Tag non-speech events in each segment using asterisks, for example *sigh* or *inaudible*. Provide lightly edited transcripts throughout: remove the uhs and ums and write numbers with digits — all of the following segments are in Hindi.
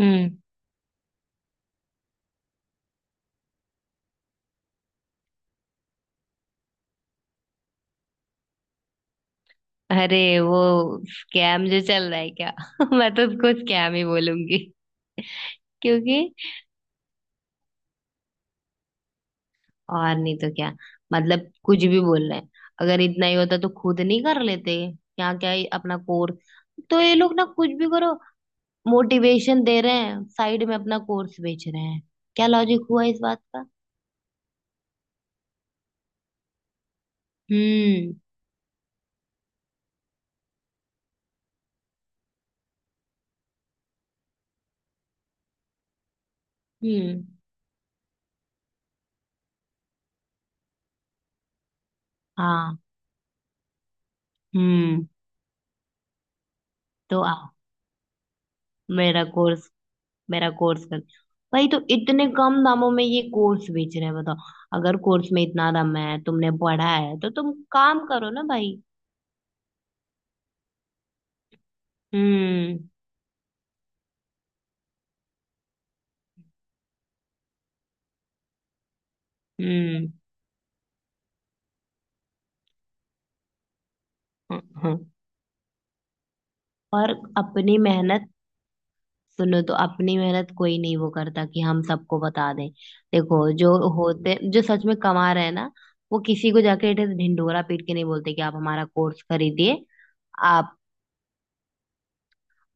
हम्म। अरे वो स्कैम जो चल रहा है क्या *laughs* मैं तो उसको स्कैम ही बोलूंगी। क्योंकि और नहीं तो क्या। मतलब कुछ भी बोल रहे हैं। अगर इतना ही होता तो खुद नहीं कर लेते, क्या क्या ही अपना कोर्स। तो ये लोग ना कुछ भी करो, मोटिवेशन दे रहे हैं, साइड में अपना कोर्स बेच रहे हैं। क्या लॉजिक हुआ इस बात का? हम्म। हम्म। हाँ। हम्म। तो आओ मेरा कोर्स, मेरा कोर्स कर। भाई तो इतने कम दामों में ये कोर्स बेच रहे हैं, बताओ। अगर कोर्स में इतना दम है, तुमने पढ़ा है तो तुम काम करो ना भाई। हम्म। हम्म। हाँ, हाँ। और अपनी मेहनत। सुनो तो, अपनी मेहनत कोई नहीं वो करता कि हम सबको बता दें। देखो, जो सच में कमा रहे हैं ना, वो किसी को जाके ऐसे ढिंढोरा पीट के नहीं बोलते कि आप हमारा कोर्स खरीदिए। आप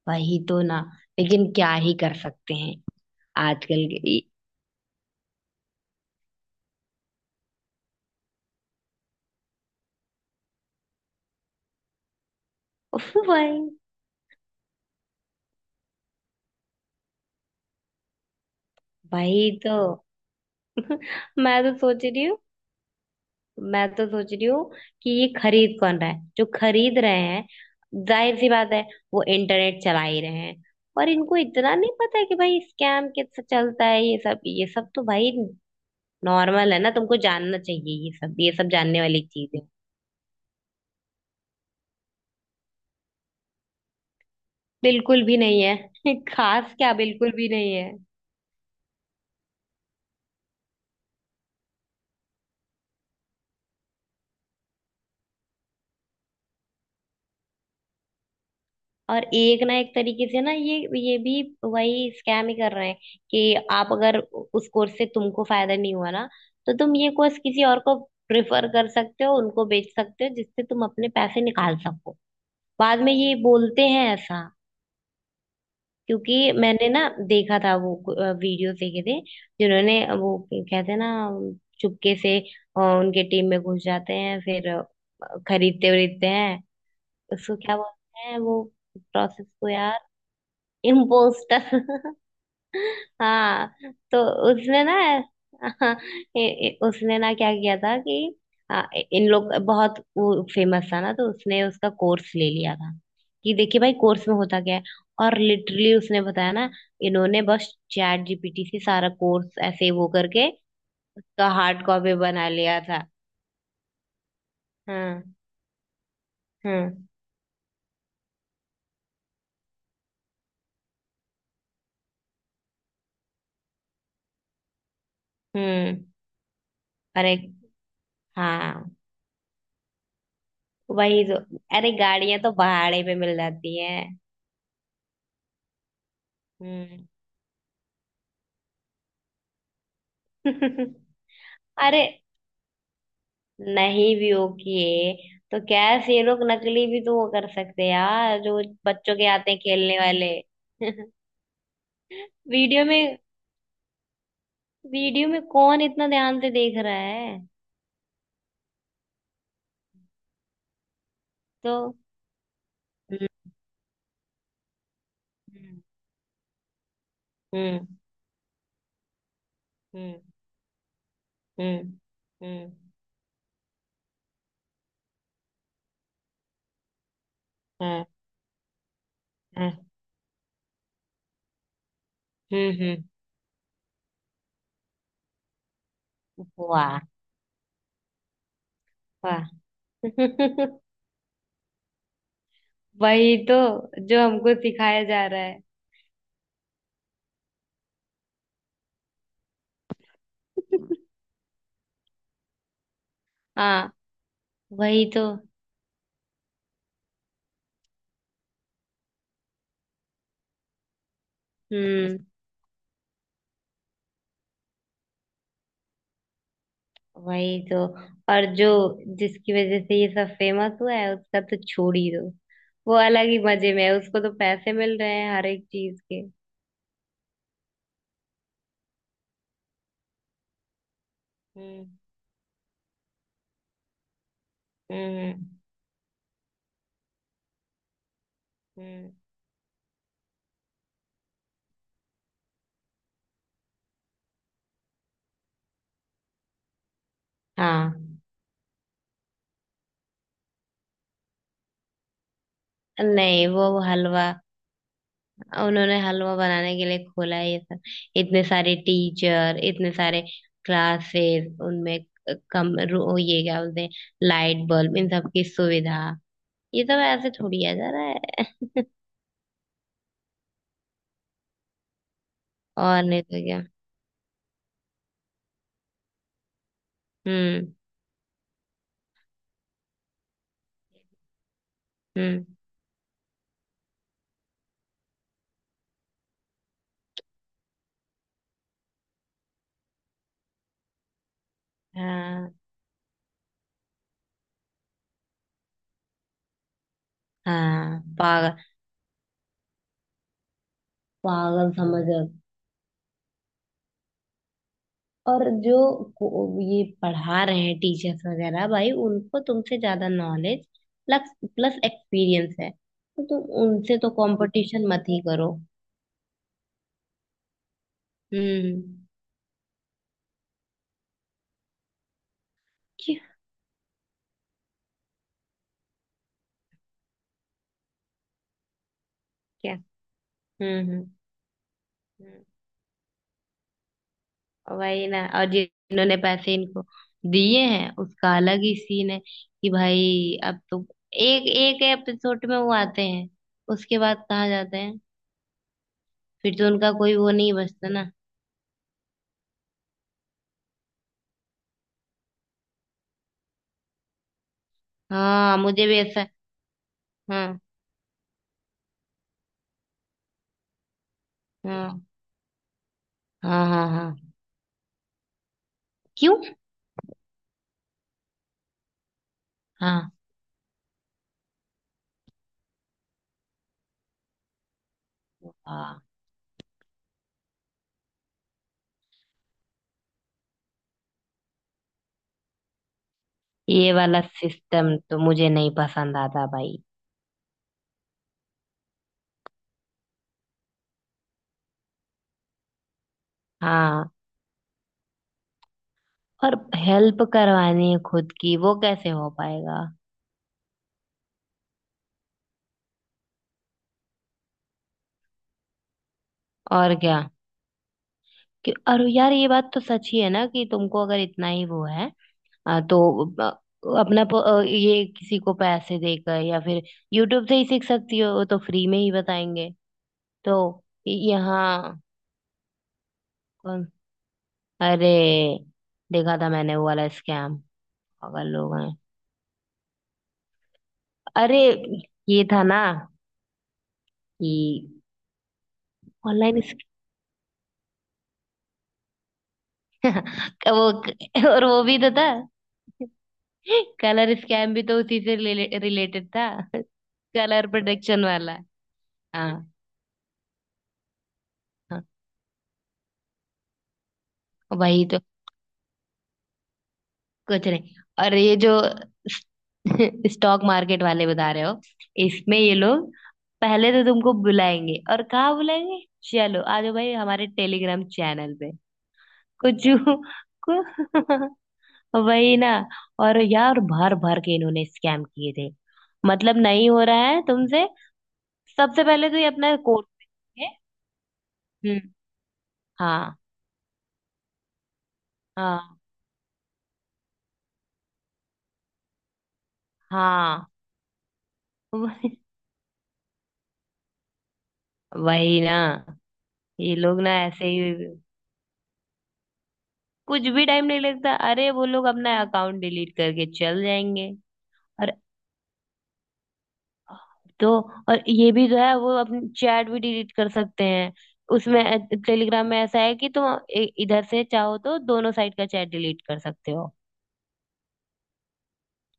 वही तो ना। लेकिन क्या ही कर सकते हैं। आजकल के, उफ भाई। वही तो। *laughs* मैं तो सोच रही हूँ, मैं तो सोच रही हूँ कि ये खरीद कौन रहा है? जो खरीद रहे हैं, जाहिर सी बात है, वो इंटरनेट चला ही रहे हैं। और इनको इतना नहीं पता है कि भाई स्कैम कैसे चलता है, ये सब तो भाई नॉर्मल है ना। तुमको जानना चाहिए, ये सब जानने वाली चीज है। बिल्कुल भी नहीं है। *laughs* खास क्या, बिल्कुल भी नहीं है। और एक ना एक तरीके से ना ये भी वही स्कैम ही कर रहे हैं कि आप, अगर उस कोर्स से तुमको फायदा नहीं हुआ ना, तो तुम ये कोर्स किसी और को प्रेफर कर सकते हो, उनको बेच सकते हो जिससे तुम अपने पैसे निकाल सको। बाद में ये बोलते हैं ऐसा। क्योंकि मैंने ना देखा था, वो वीडियोस देखे थे। जिन्होंने, वो कहते हैं ना, चुपके से उनके टीम में घुस जाते हैं फिर खरीदते वरीदते हैं। उसको क्या बोलते हैं वो, प्रोसेस को यार? इम्पोस्टर। *laughs* हाँ। तो उसने ना, हाँ, ए- उसने ना क्या किया था कि आ, इन लोग बहुत, वो फेमस था ना, तो उसने उसका कोर्स ले लिया था कि देखिए भाई कोर्स में होता क्या है। और लिटरली उसने बताया ना, इन्होंने बस चैट जीपीटी से सारा कोर्स ऐसे वो करके उसका हार्ड कॉपी बना लिया था। हाँ। हाँ। हम्म। अरे हाँ, वही तो। अरे गाड़ियां तो भाड़े पे मिल जाती हैं। हम्म। *laughs* अरे नहीं भी हो किए, तो कैसे? ये लोग नकली भी तो वो कर सकते हैं यार, जो बच्चों के आते हैं खेलने वाले। *laughs* वीडियो में, वीडियो में कौन इतना ध्यान से देख रहा है। तो। हम्म। हम्म। हम्म। हम्म। हम्म। हम्म। हम्म। वाह वाह। *laughs* वही तो, जो हमको सिखाया जा रहा है। *laughs* हाँ। वही तो। हम्म। वही तो। और जो जिसकी वजह से ये सब फेमस हुआ है, उसका तो छोड़ ही दो। वो अलग ही मजे में है, उसको तो पैसे मिल रहे हैं हर एक चीज के। हम्म। हम्म। हम्म। हाँ, नहीं वो हलवा। उन्होंने हलवा बनाने के लिए खोला है ये सब, इतने सारे टीचर, इतने सारे क्लासेस उनमें। ये क्या बोलते हैं? लाइट बल्ब इन सब की सुविधा, ये सब ऐसे थोड़ी आ जा रहा है। *laughs* और नहीं तो क्या। हम्म। हम्म। हाँ। हाँ पागल, पागल समझ रहे हो। और जो ये पढ़ा रहे हैं टीचर्स वगैरह भाई, उनको तुमसे ज्यादा नॉलेज प्लस प्लस एक्सपीरियंस है, तो तुम उनसे तो कंपटीशन मत ही करो। हम्म। क्या, क्या? हम्म। हम्म। हम्म। वही ना, और जिन्होंने पैसे इनको दिए हैं, उसका अलग ही सीन है कि भाई अब तो एक एक एपिसोड में वो आते हैं, उसके बाद कहाँ जाते हैं? फिर तो उनका कोई वो नहीं बचता ना। हाँ, मुझे भी ऐसा। हाँ। हाँ। हाँ। हाँ। हाँ। क्यों? हाँ। हाँ। ये वाला सिस्टम तो मुझे नहीं पसंद आता भाई। हाँ, और हेल्प करवानी है खुद की, वो कैसे हो पाएगा? और क्या, कि और यार ये बात तो सच ही है ना कि तुमको अगर इतना ही वो है, तो अ, अपना ये किसी को पैसे देकर या फिर यूट्यूब से ही सीख सकती हो, वो तो फ्री में ही बताएंगे। तो यहाँ, अरे देखा था मैंने वो वाला स्कैम, पागल लोग हैं। अरे ये था ना कि ऑनलाइन। *laughs* वो, और वो भी तो था, कलर स्कैम भी तो उसी से रिलेटेड था। कलर प्रोडक्शन वाला। हाँ। हाँ। वही तो। कुछ नहीं। और ये जो *laughs* स्टॉक मार्केट वाले बता रहे हो, इसमें ये लोग पहले तो तुमको बुलाएंगे। और कहाँ बुलाएंगे? चलो आ जाओ भाई हमारे टेलीग्राम चैनल पे। कुछ *laughs* वही ना। और यार भर भर के इन्होंने स्कैम किए थे। मतलब नहीं हो रहा है तुमसे। सबसे पहले तो ये अपना कोर्स है। हम्म। हाँ। हाँ। हाँ। वही। वही ना, ये लोग ना ऐसे ही। कुछ भी टाइम नहीं लगता, अरे वो लोग अपना अकाउंट डिलीट करके चल जाएंगे। तो और ये भी जो है, वो अपनी चैट भी डिलीट कर सकते हैं उसमें, टेलीग्राम में ऐसा है कि तुम इधर से चाहो तो दोनों साइड का चैट डिलीट कर सकते हो।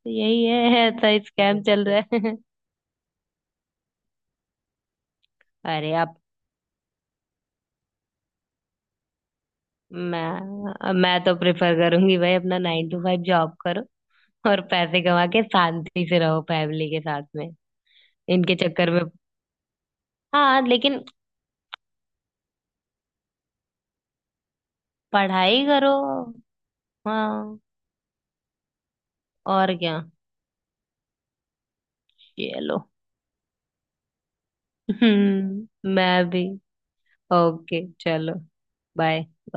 तो यही है, ऐसा स्कैम चल रहा है। *laughs* अरे आप, मैं तो प्रेफर करूंगी भाई अपना नाइन टू फाइव जॉब करो, और पैसे कमा के शांति से रहो फैमिली के साथ में, इनके चक्कर में। हाँ लेकिन, पढ़ाई करो। हाँ, और क्या। चलो। *laughs* हम्म। मैं भी, ओके चलो। बाय।